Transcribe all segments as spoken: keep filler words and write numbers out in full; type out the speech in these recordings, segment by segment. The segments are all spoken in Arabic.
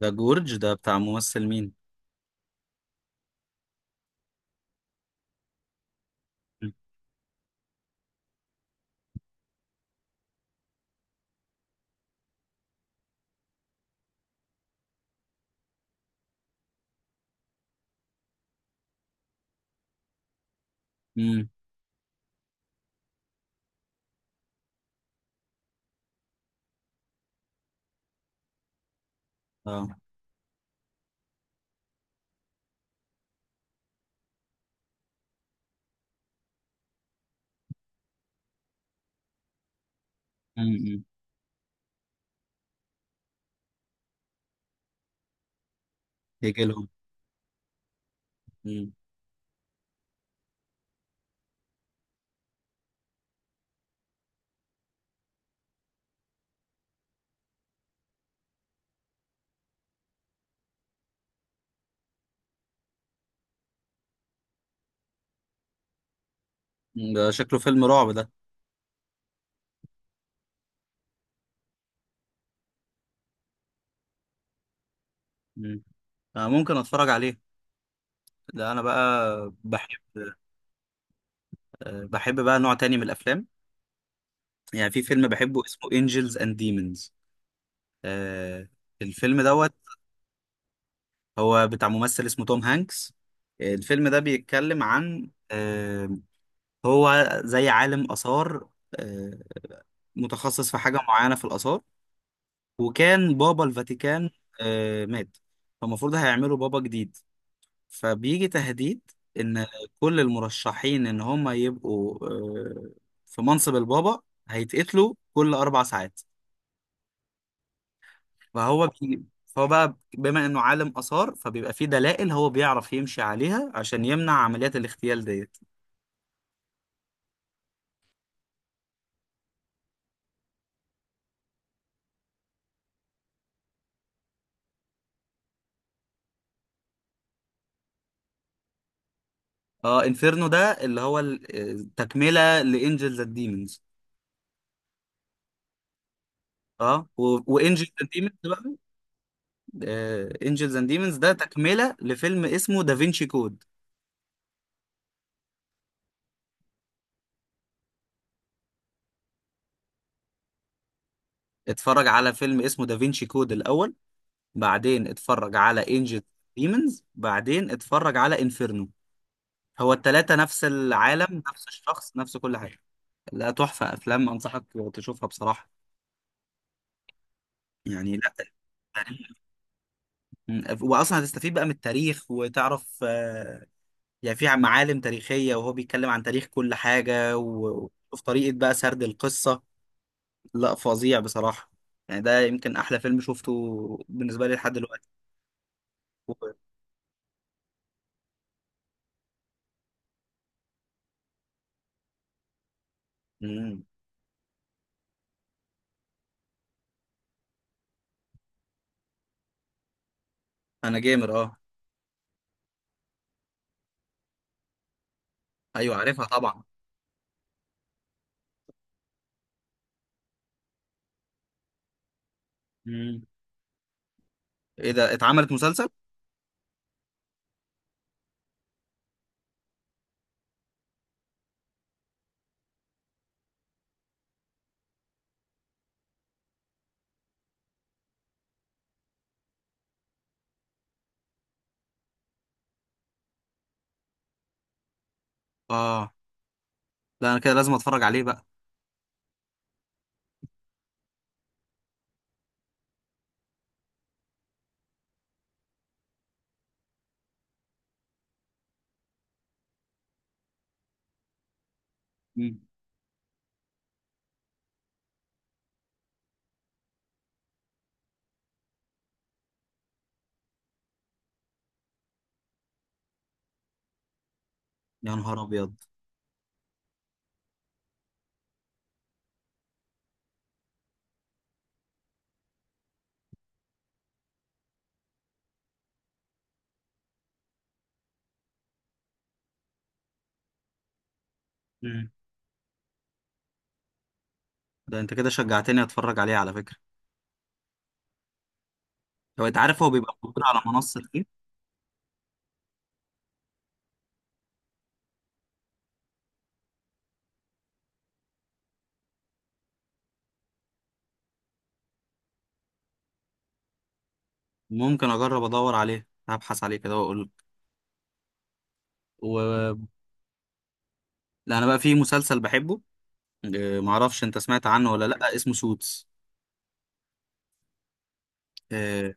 ده جورج ده بتاع ممثل مين؟ امم. اه. امم. يجي لهم. مم. ده شكله فيلم رعب ده؟ مم. آه، ممكن اتفرج عليه. ده انا بقى بحب. آه بحب بقى نوع تاني من الافلام. يعني في فيلم بحبه اسمه انجلز اند ديمونز. الفيلم دوت هو بتاع ممثل اسمه توم هانكس. آه، الفيلم ده بيتكلم عن آه هو زي عالم آثار. آه متخصص في حاجة معينة في الآثار. وكان بابا الفاتيكان آه، مات. فالمفروض هيعملوا بابا جديد، فبيجي تهديد ان كل المرشحين ان هم يبقوا آه، في منصب البابا، هيتقتلوا كل اربع ساعات. فهو بي... فهو بقى بما انه عالم اثار، فبيبقى فيه دلائل هو بيعرف يمشي عليها عشان يمنع عمليات الاغتيال ديت. اه، انفيرنو ده اللي هو ال- آه، تكمله لانجلز اند ديمونز. اه و... وانجلز اند ديمونز، انجلز اند ديمونز ده تكملة لفيلم اسمه دافينشي كود. اتفرج على فيلم اسمه دافينشي كود الأول، بعدين اتفرج على انجلز ديمونز، بعدين اتفرج على انفيرنو. هو التلاتة نفس العالم، نفس الشخص، نفس كل حاجة. لا، تحفة أفلام، أنصحك تشوفها بصراحة. يعني لا تاريخ. واصلا هتستفيد بقى من التاريخ وتعرف آه، يعني في معالم تاريخيه، وهو بيتكلم عن تاريخ كل حاجه و- وفي طريقه بقى سرد القصه. لا، فظيع بصراحة، يعني ده يمكن أحلى فيلم شفته بالنسبة لي لحد دلوقتي. مم. أنا جيمر، أه. أيوه عارفها طبعا. مم. إيه ده، اتعملت مسلسل؟ أه، لا أنا كده لازم أتفرج عليه بقى. مم. يا نهار أبيض. مم. ده أنت كده شجعتني أتفرج عليه على فكرة. لو أنت عارف هو بيبقى موجود على منصة إيه؟ ممكن أجرب أدور عليه، هبحث عليه كده وأقول لك. و... لا، أنا بقى في مسلسل بحبه. آه، معرفش أنت سمعت عنه ولا لأ، اسمه سوتس. آه،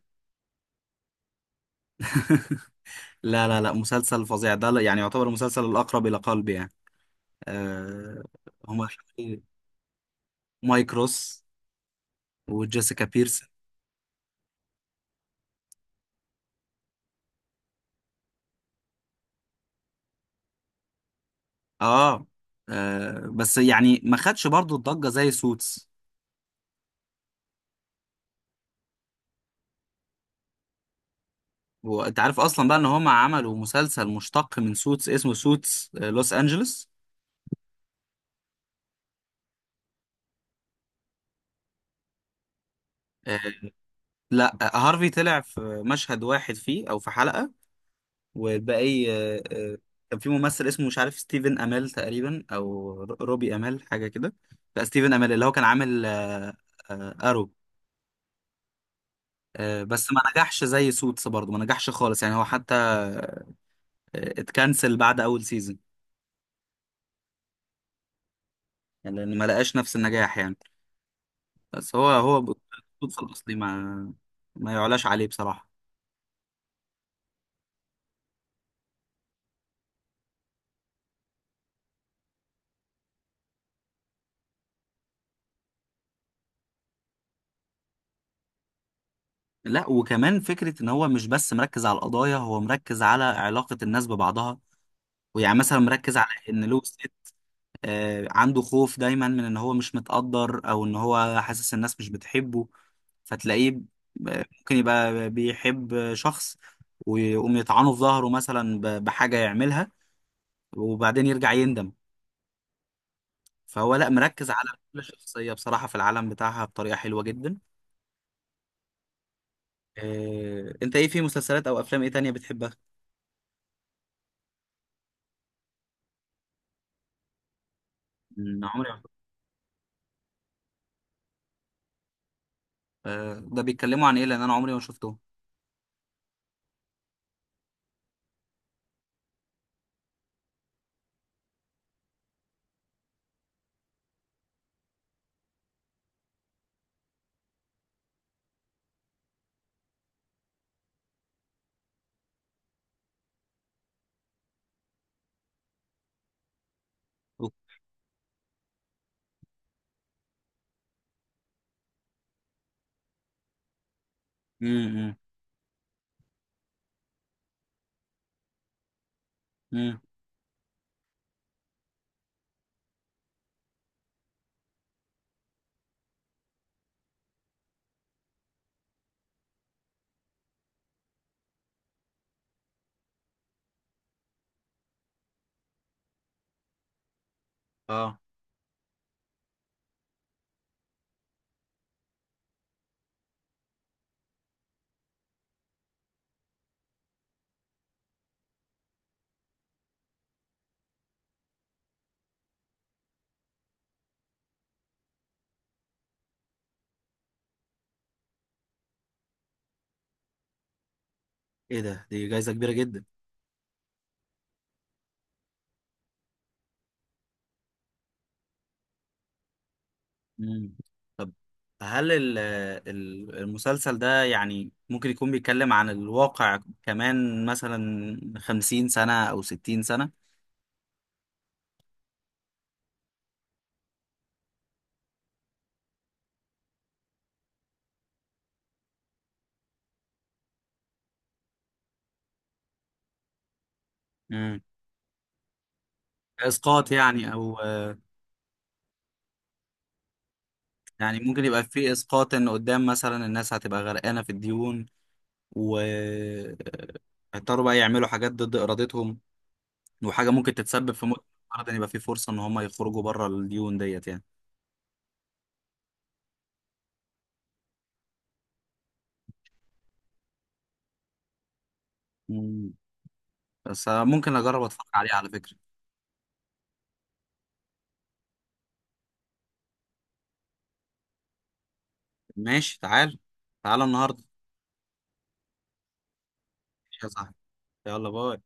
لا لا لا، مسلسل فظيع ده. لا- يعني يعتبر المسلسل الأقرب إلى قلبي يعني. آه هما شخصية مايك روس وجيسيكا بيرسون. آه, آه بس يعني ما خدش برضو الضجة زي سوتس. وأنت عارف أصلا بقى إن هما عملوا مسلسل مشتق من سوتس اسمه سوتس آه لوس أنجلوس. آه، لا، آه، هارفي طلع في مشهد واحد فيه أو في حلقة. والباقي آه، آه، كان في ممثل اسمه، مش عارف، ستيفن امال تقريبا او ر- روبي امال حاجه كده. لا، ستيفن امال، اللي هو كان عامل آه، آه، ارو. آه، بس ما نجحش زي سوتس برضه، ما نجحش خالص يعني. هو حتى آه، اتكنسل بعد اول سيزون، يعني لان ما لقاش نفس النجاح يعني. بس هو، هو سوتس الاصلي ما ما يعلاش عليه بصراحه. لا، وكمان فكره ان هو مش بس مركز على القضايا، هو مركز على علاقه الناس ببعضها. ويعني مثلا مركز على ان لويس آه، عنده خوف دايما من ان هو مش متقدر، او ان هو حاسس الناس مش بتحبه. فتلاقيه ب- ممكن يبقى بيحب شخص، ويقوم يطعنه في ظهره مثلا ب- بحاجة يعملها، وبعدين يرجع يندم. فهو لا، مركز على كل شخصية بصراحة في العالم بتاعها بطريقة حلوة جدا. آه، انت ايه في مسلسلات او افلام ايه تانية بتحبها؟ أمم، عمري ما شفت- آه، ده بيتكلموا عن ايه، لان انا عمري ما شفته. أوك. امم، امم. أمم. اه، ايه ده، دي جايزة كبيرة جدا. مم. طب، هل ال- ال- المسلسل ده يعني ممكن يكون بيتكلم عن الواقع كمان، مثلا خمسين سنة أو ستين سنة؟ مم. إسقاط يعني، أو آه، يعني ممكن يبقى في إسقاط إن قدام مثلا الناس هتبقى غرقانة في الديون، و آه، هيضطروا بقى يعملوا حاجات ضد إرادتهم، وحاجة ممكن تتسبب في موت النهارده. إن يبقى في فرصة إن هم يخرجوا بره الديون ديت يعني. مم. بس آه، ممكن أجرب أتفرج عليه على فكرة. ماشي، تعال، تعال النهاردة، يا صاحبي. يلا، باي.